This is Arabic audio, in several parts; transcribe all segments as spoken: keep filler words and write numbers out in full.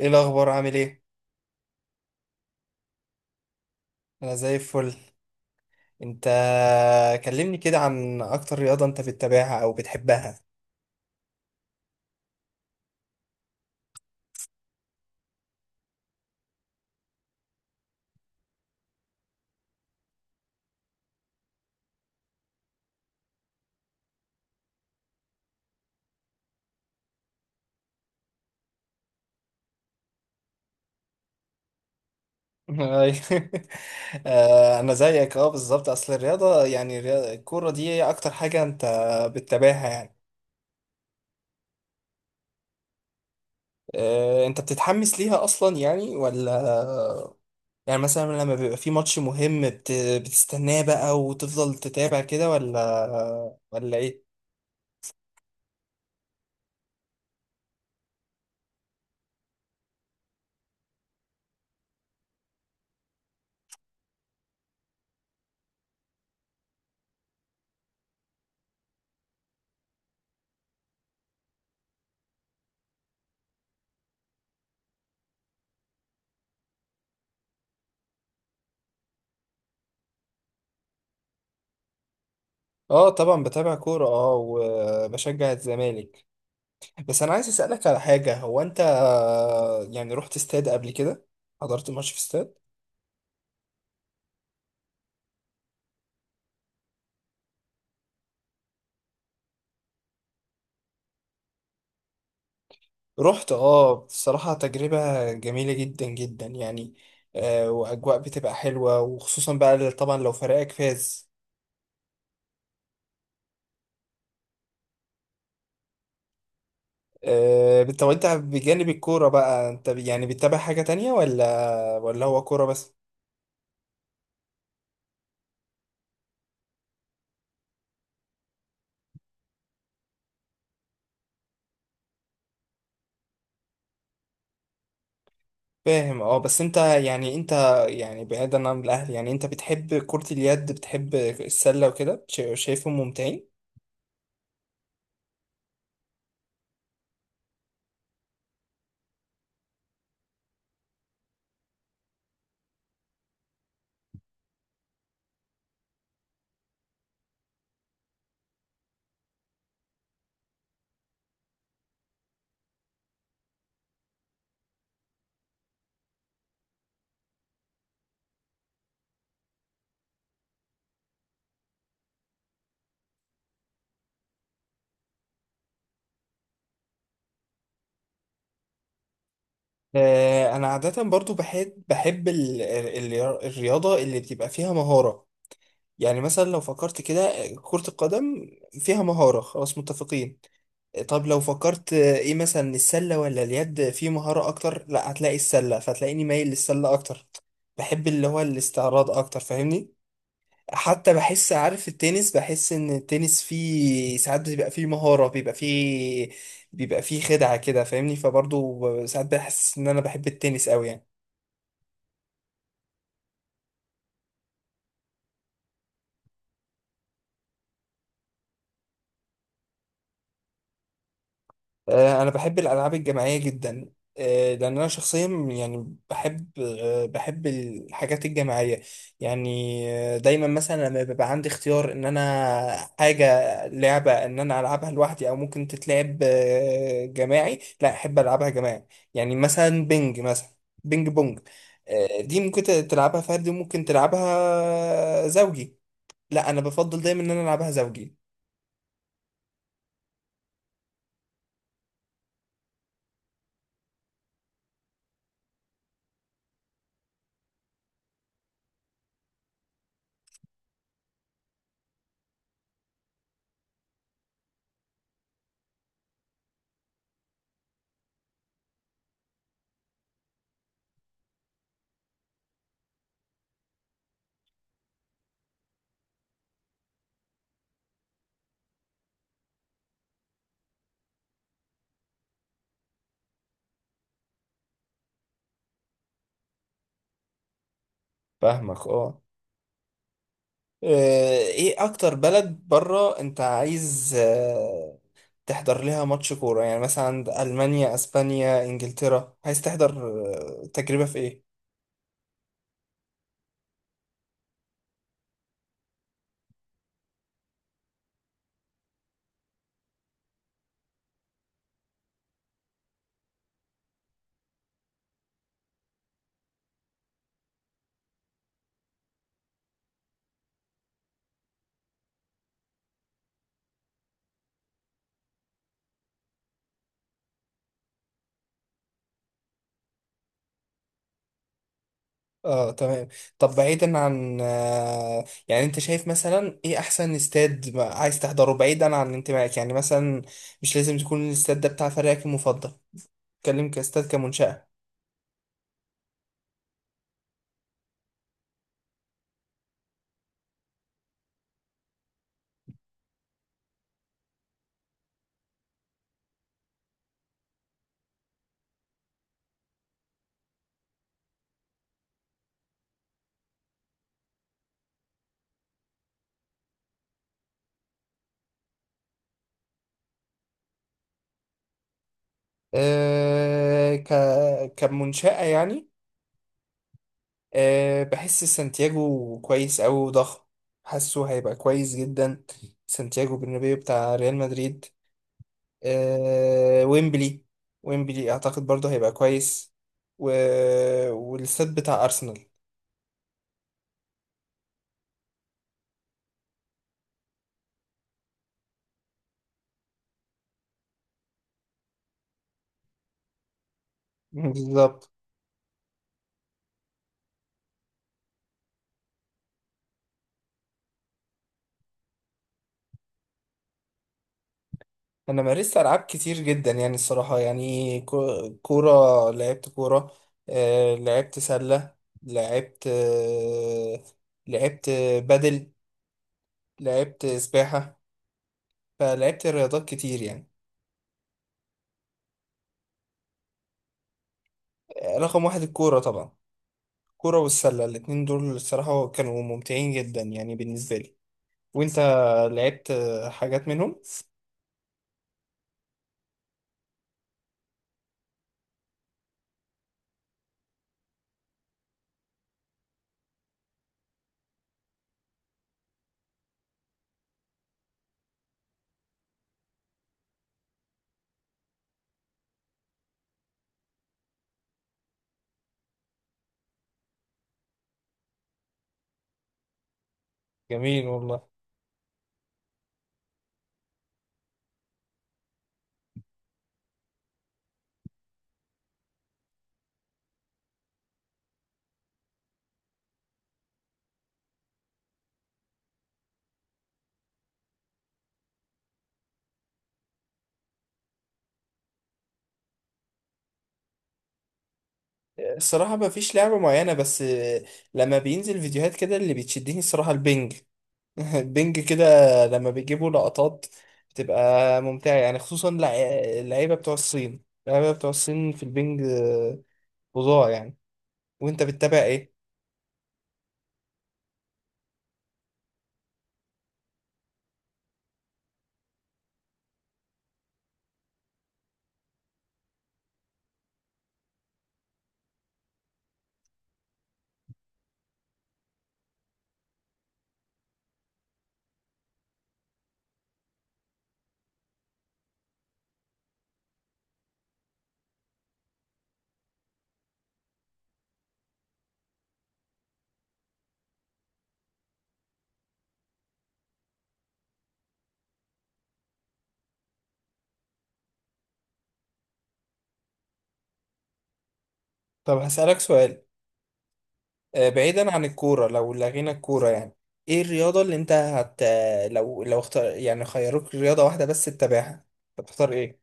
ايه الاخبار؟ عامل ايه؟ انا زي الفل. انت، كلمني كده عن اكتر رياضة انت بتتابعها او بتحبها. أي. آه، انا زيك اه بالظبط، اصل الرياضة، يعني الرياضة- الكورة دي هي اكتر حاجة انت بتتابعها يعني. آه، انت بتتحمس ليها اصلا يعني، ولا يعني مثلا لما بيبقى في ماتش مهم بت... بتستناه بقى وتفضل تتابع كده، ولا ولا ايه؟ اه طبعا بتابع كورة، اه وبشجع الزمالك. بس انا عايز اسالك على حاجه، هو انت آه، يعني رحت استاد قبل كده؟ حضرت ماتش في استاد؟ رحت اه، بصراحه تجربه جميله جدا جدا يعني. آه، واجواء بتبقى حلوه، وخصوصا بقى طبعا لو فريقك فاز. آه، طب انت بجانب الكوره بقى، انت يعني بتتابع حاجه تانية، ولا ولا هو كوره بس؟ فاهم اه. بس انت يعني انت يعني بعيدا عن الاهل، يعني انت بتحب كرة اليد، بتحب السلة وكده، شا- شايفهم ممتعين؟ آه، انا عادة برضو بحب بحب ال- ال- ال- الرياضة اللي بتبقى فيها مهارة. يعني مثلا لو فكرت كده، آه، كرة القدم فيها مهارة، خلاص متفقين. طب لو فكرت ايه مثلا، السلة ولا اليد في مهارة اكتر؟ لا، هتلاقي السلة، فتلاقيني مايل للسلة اكتر. بحب اللي هو الاستعراض اكتر، فاهمني. حتى بحس، عارف التنس؟ بحس ان التنس فيه ساعات بيبقى فيه مهارة، بيبقى فيه بيبقى فيه خدعة كده فاهمني. فبرضه ساعات بحس ان انا بحب التنس قوي يعني. آه، انا بحب الالعاب الجماعيه جدا. آه، لان انا شخصيا يعني بحب، آه، بحب الحاجات الجماعيه يعني. آه، دايما مثلا لما بيبقى عندي اختيار ان انا حاجه، لعبه ان انا العبها لوحدي او ممكن تتلعب آه، جماعي، لا احب العبها جماعي. يعني مثلا بينج مثلا بينج بونج. آه، دي ممكن ت- تلعبها فردي وممكن تلعبها زوجي، لا انا بفضل دايما ان انا العبها زوجي. فاهمك اه. آه، ايه اكتر بلد بره انت عايز آه، تحضر لها ماتش كورة؟ يعني مثلا عند المانيا، اسبانيا، انجلترا، عايز تحضر آه، تجربة في ايه؟ اه تمام. طب بعيدا عن آه، يعني، انت شايف مثلا ايه احسن استاد ما- عايز تحضره، بعيدا عن انتمائك؟ يعني مثلا مش لازم تكون الاستاد ده بتاع فريقك المفضل، اتكلم كاستاد، كمنشأة. آه، ك... كمنشأة يعني. أه، بحس سانتياغو كويس أوي وضخم، حاسه هيبقى كويس جدا، سانتياغو برنابيو بتاع ريال مدريد. أه، ويمبلي، ويمبلي أعتقد برضه هيبقى كويس. و... والاستاد بتاع أرسنال. بالظبط. أنا مارست ألعاب كتير جدا يعني، الصراحة يعني، كو- كورة، لعبت كورة، أه لعبت سلة، لعبت أه، لعبت بدل، لعبت سباحة، فلعبت رياضات كتير يعني. رقم واحد الكورة طبعا، الكورة والسلة، الاتنين دول الصراحة كانوا ممتعين جدا يعني بالنسبة لي. وانت لعبت حاجات منهم؟ جميل والله. الصراحة ما فيش لعبة معينة، بس لما بينزل فيديوهات كده، اللي بتشدني الصراحة البنج. البنج كده لما بيجيبوا لقطات بتبقى ممتعة يعني، خصوصا لع- اللعيبة بتوع الصين، اللعيبة بتوع الصين في البنج فظاع يعني. وانت بتتابع ايه؟ طب هسألك سؤال، آه، بعيدا عن الكورة، لو لغينا الكورة يعني، ايه الرياضة اللي انت هت لو لو اختار، يعني خيروك رياضة واحدة بس تتابعها، هتختار ايه؟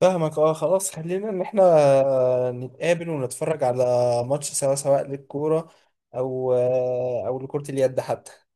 فاهمك اه. خلاص، خلينا ان احنا آه، نتقابل ونتفرج على ماتش، سواء سواء للكورة او آه، او لكرة اليد حتى.